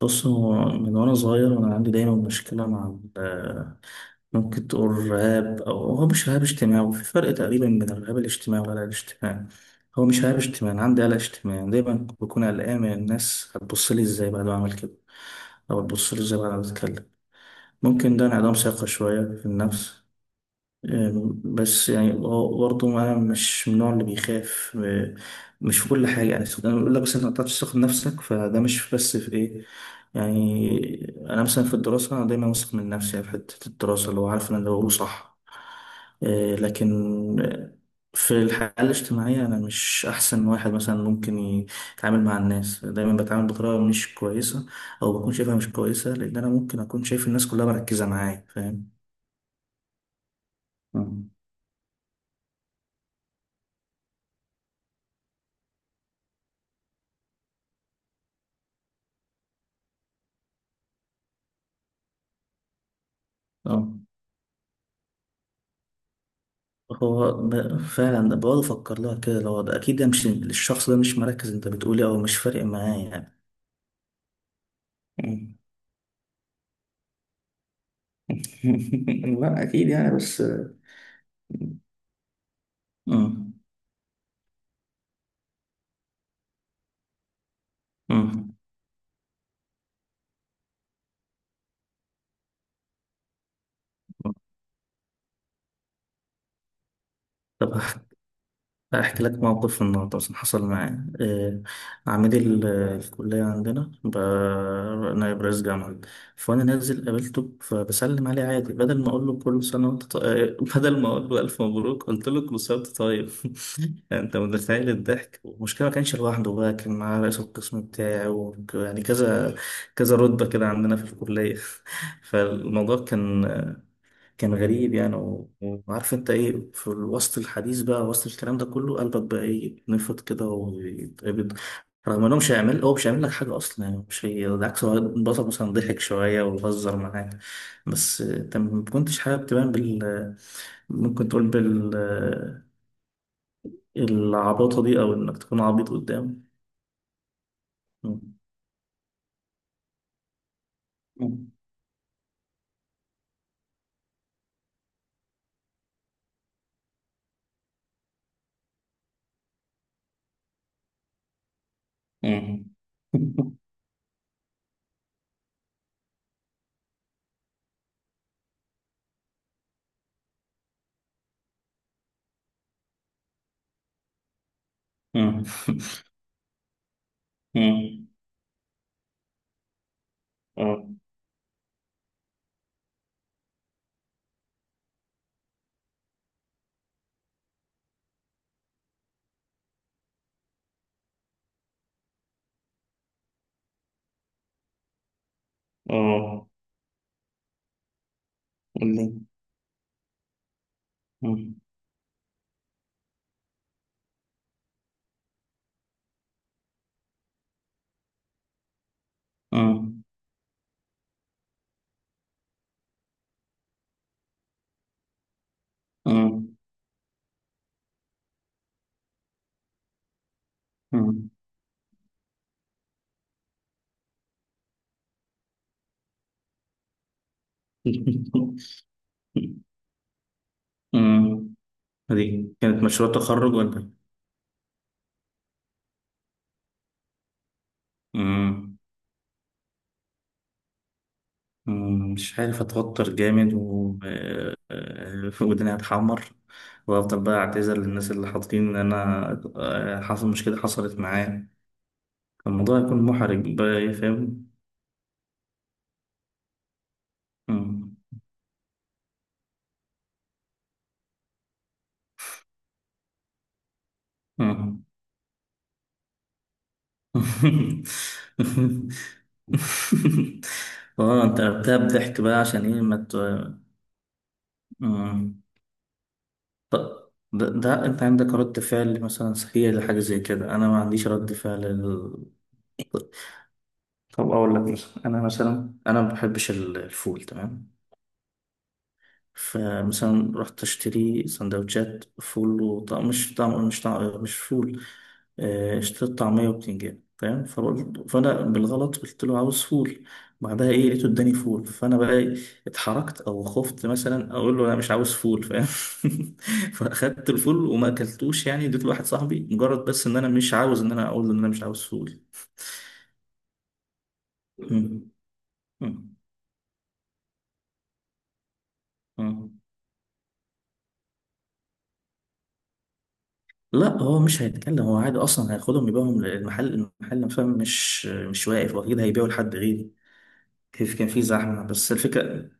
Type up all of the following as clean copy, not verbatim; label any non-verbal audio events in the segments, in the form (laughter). بص، هو من وأنا صغير وأنا عندي دايما مشكلة مع ممكن تقول رهاب، أو هو مش رهاب اجتماعي. وفي فرق تقريبا بين الرهاب الاجتماعي والقلق الاجتماعي. هو مش رهاب اجتماعي، أنا عندي قلق اجتماعي. دايما بكون قلقان من الناس هتبص لي إزاي بعد ما أعمل كده، أو هتبص لي إزاي بعد ما أتكلم. ممكن ده انعدام ثقة شوية في النفس. بس يعني هو برضه أنا مش من النوع اللي بيخاف. مش في كل حاجة، يعني أنا بقول لك بس أنت ما بتعرفش تثق في نفسك، فده مش بس في إيه، يعني أنا مثلا في الدراسة أنا دايما واثق من نفسي، يعني في حتة الدراسة اللي هو عارف إن أنا بقوله صح. أه، لكن في الحياة الاجتماعية أنا مش أحسن واحد مثلا ممكن يتعامل مع الناس. دايما بتعامل بطريقة مش كويسة، أو بكون شايفها مش كويسة، لأن أنا ممكن أكون شايف الناس كلها مركزة معايا. فاهم؟ أه. آه. فعلا بقعد افكر لها كده. لو ده اكيد ده مش، الشخص ده مش مركز انت بتقولي، او مش فارق معاه يعني. مم. (laughs) لا أكيد يعني، بس مم. مم. طب هحكي لك موقف النهارده مثلا حصل معايا. عميد الكلية عندنا بقى، نائب رئيس جامعة. فأنا نازل قابلته، فبسلم عليه عادي، بدل ما أقول له كل سنة وأنت طيب، بدل ما أقول له ألف مبروك، قلت له كل سنة وأنت طيب. (laughs) يعني انت متخيل الضحك؟ والمشكله ما كانش لوحده بقى، كان معاه رئيس القسم بتاعي يعني كذا كذا رتبه كده عندنا في الكليه. (laughs) فالموضوع كان، كان غريب يعني. وعارف انت ايه، في وسط الحديث بقى، وسط الكلام ده كله، قلبك بقى ايه، يتنفض كده ويتقبض. رغم انه مش هيعمل، هو مش هيعمل لك حاجه اصلا، يعني مش، هي بالعكس هو البطل مثلا ضحك شويه وهزر معاك. بس انت ما كنتش حابب تبان بال، ممكن تقول بال العباطة دي، أو إنك تكون عبيط قدامه. مم. (laughs) مم. مم. مم. اه، اه، قول لي. مم. مم. مم. مم. مم. دي كانت مشروع تخرج ولا إيه؟ مم. مم. مش عارف، اتوتر جامد. و آه، آه، ودني هتحمر، وافضل بقى اعتذر للناس اللي حاطين ان انا، حصل مشكله، حصلت معايا. الموضوع يكون محرج بقى، إيه، فاهم. مم. اه. (laughs) اه، انت قلبتها بضحك بقى، عشان ايه ما ت... آه. طب ده انت عندك رد فعل مثلا سخية لحاجة زي كده، انا ما عنديش رد فعل ال... طب اقول لك مثلا، انا مثلا، انا ما بحبش الفول، تمام؟ فمثلا رحت اشتري سندوتشات فول، وطعم مش فول. آه، اشتريت طعمية وبتنجان، تمام. فقلت، فانا بالغلط قلت له عاوز فول. بعدها ايه، لقيته اداني فول. فانا بقى إيه، اتحركت او خفت مثلا اقول له انا مش عاوز فول، فاهم؟ (laughs) فاخدت الفول وما اكلتوش، يعني اديته لواحد صاحبي، مجرد بس ان انا مش عاوز ان انا اقول له ان انا مش عاوز فول. (laughs) مم. مم. مم. لا، هو مش هيتكلم، هو عادي اصلا هياخدهم يبيعهم للمحل. المحل نفسه مش واقف، واكيد هيبيعوا لحد غيري. كيف كان في زحمه، بس الفكره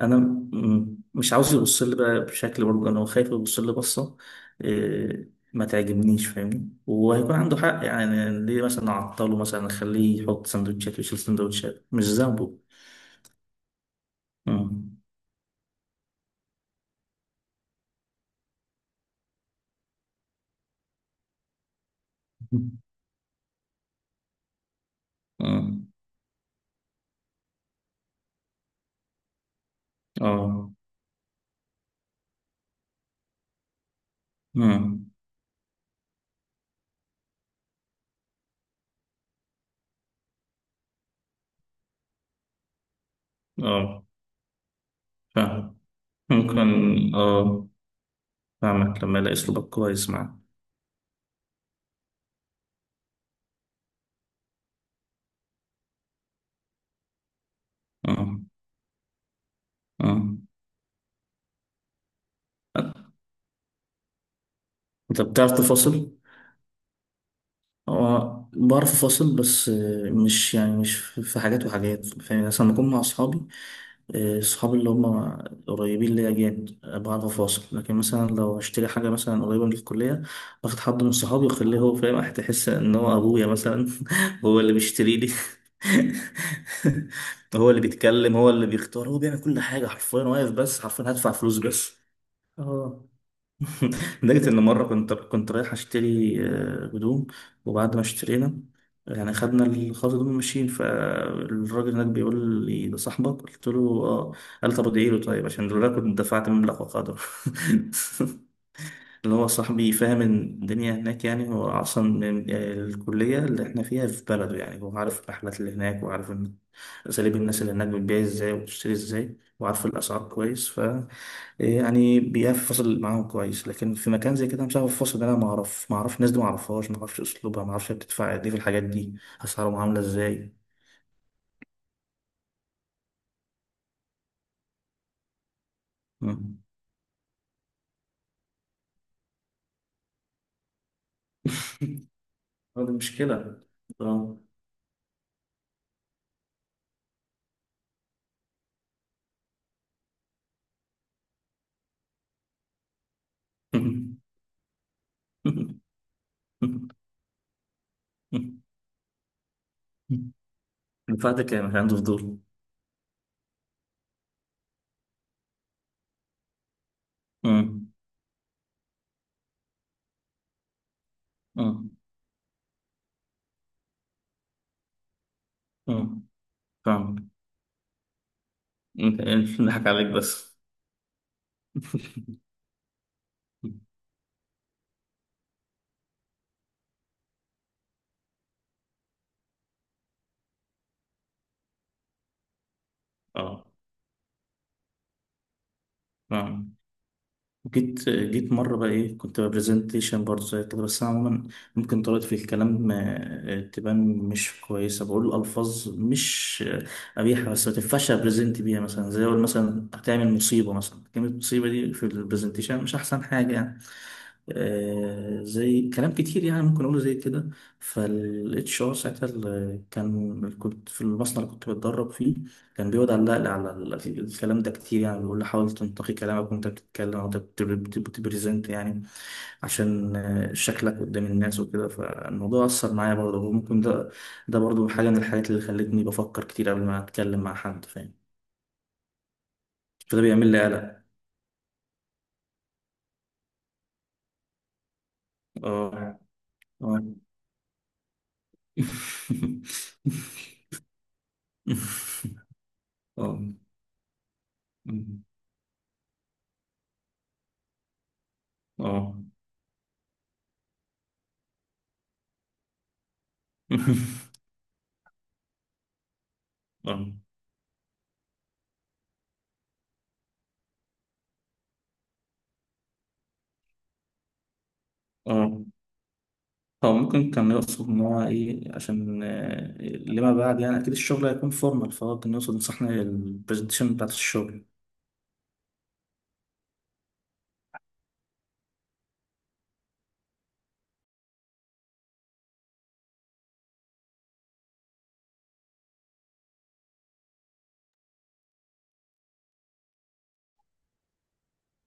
انا مش عاوز يبص لي بقى بشكل، برضه انا خايف يبص لي بصه إيه، ما تعجبنيش، فاهمني؟ وهيكون عنده حق يعني، ليه مثلا اعطله، مثلا اخليه يحط سندوتشات ويشيل سندوتشات، مش ذنبه. مم. مم. اه. مم. اه، فاهم. ممكن. اه. فاهمك، لما يلاقي اسلوبك كويس معاه. اه. اه، انت بتعرف تفاصل. هو بعرف افاصل، بس آه، مش يعني مش في حاجات وحاجات، فاهم يعني؟ مثلا لما اكون مع اصحابي، آه، اصحابي اللي هم قريبين ليا جامد، آه، بعرف افاصل. لكن مثلا لو اشتري حاجه مثلا قريبه من الكليه، باخد حد من صحابي واخليه هو فاهم. (laughs) هتحس ان هو ابويا مثلا. (laughs) هو اللي بيشتري لي، (laughs) هو اللي بيتكلم، هو اللي بيختار، هو بيعمل كل حاجه حرفيا، واقف بس حرفيا، هدفع فلوس بس. اه. (laughs) لدرجة إن مرة كنت رايح أشتري آه، هدوم. وبعد ما اشترينا، يعني خدنا الخاص دول ماشيين، فالراجل هناك بيقول لي ده صاحبك، قلت له اه. قال طب ادعي له، طيب، عشان لولا كنت دفعت مبلغ وقدره. (laughs) اللي هو صاحبي فاهم الدنيا هناك، يعني هو أصلا من الكلية اللي احنا فيها في بلده، يعني هو عارف الرحلات اللي هناك، وعارف إن أساليب الناس اللي هناك بتبيع ازاي وبتشتري ازاي، وعارف الأسعار كويس. ف يعني بيقف فاصل معاهم كويس. لكن في مكان زي كده مش عارف الفاصل ده، أنا ما أعرف الناس دي، ما أعرفهاش، ما أعرفش أسلوبها، ما أعرفش بتدفع قد إيه في الحاجات دي، أسعارهم عاملة ازاي. مم. (laughs) هو دي مشكلة. اه. (laughs) الفاتح كان عنده فضول. اه. اه، فاهمك. متهيألي نضحك عليك بس. اه، فاهمك. جيت مرة بقى إيه، كنت برزنتيشن برضه زي كده. بس أنا عموما ممكن طريقتي في الكلام آه، تبان مش كويسة، بقول ألفاظ مش آه، قبيحة، بس ما تنفعش أبرزنت بيها مثلا، زي أقول مثلا هتعمل مصيبة، مثلا كلمة مصيبة دي في البرزنتيشن مش أحسن حاجة يعني. آه، زي كلام كتير يعني ممكن أقوله زي كده. فال HR ساعتها، كان كنت في المصنع اللي كنت بتدرب فيه، كان بيقعد علق لي على الكلام ده كتير، يعني بيقول لي حاول تنتقي كلامك وانت بتتكلم، وانت بتبريزنت يعني، عشان آه، شكلك قدام الناس وكده. فالموضوع أثر معايا برضه، وممكن ده، ده برضه حاجة من الحاجات اللي خلتني بفكر كتير قبل ما أتكلم مع حد، فاهم؟ فده بيعمل لي قلق. اه. اه. (laughs) اه. اه. اه. (laughs) اه. هو ممكن كان يقصد إن هو إيه، عشان آه، لما بعد يعني أكيد الشغل هيكون فورمال، فهو كان يقصد إن إحنا البرزنتيشن بتاعت الشغل.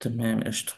تمام، قشطة.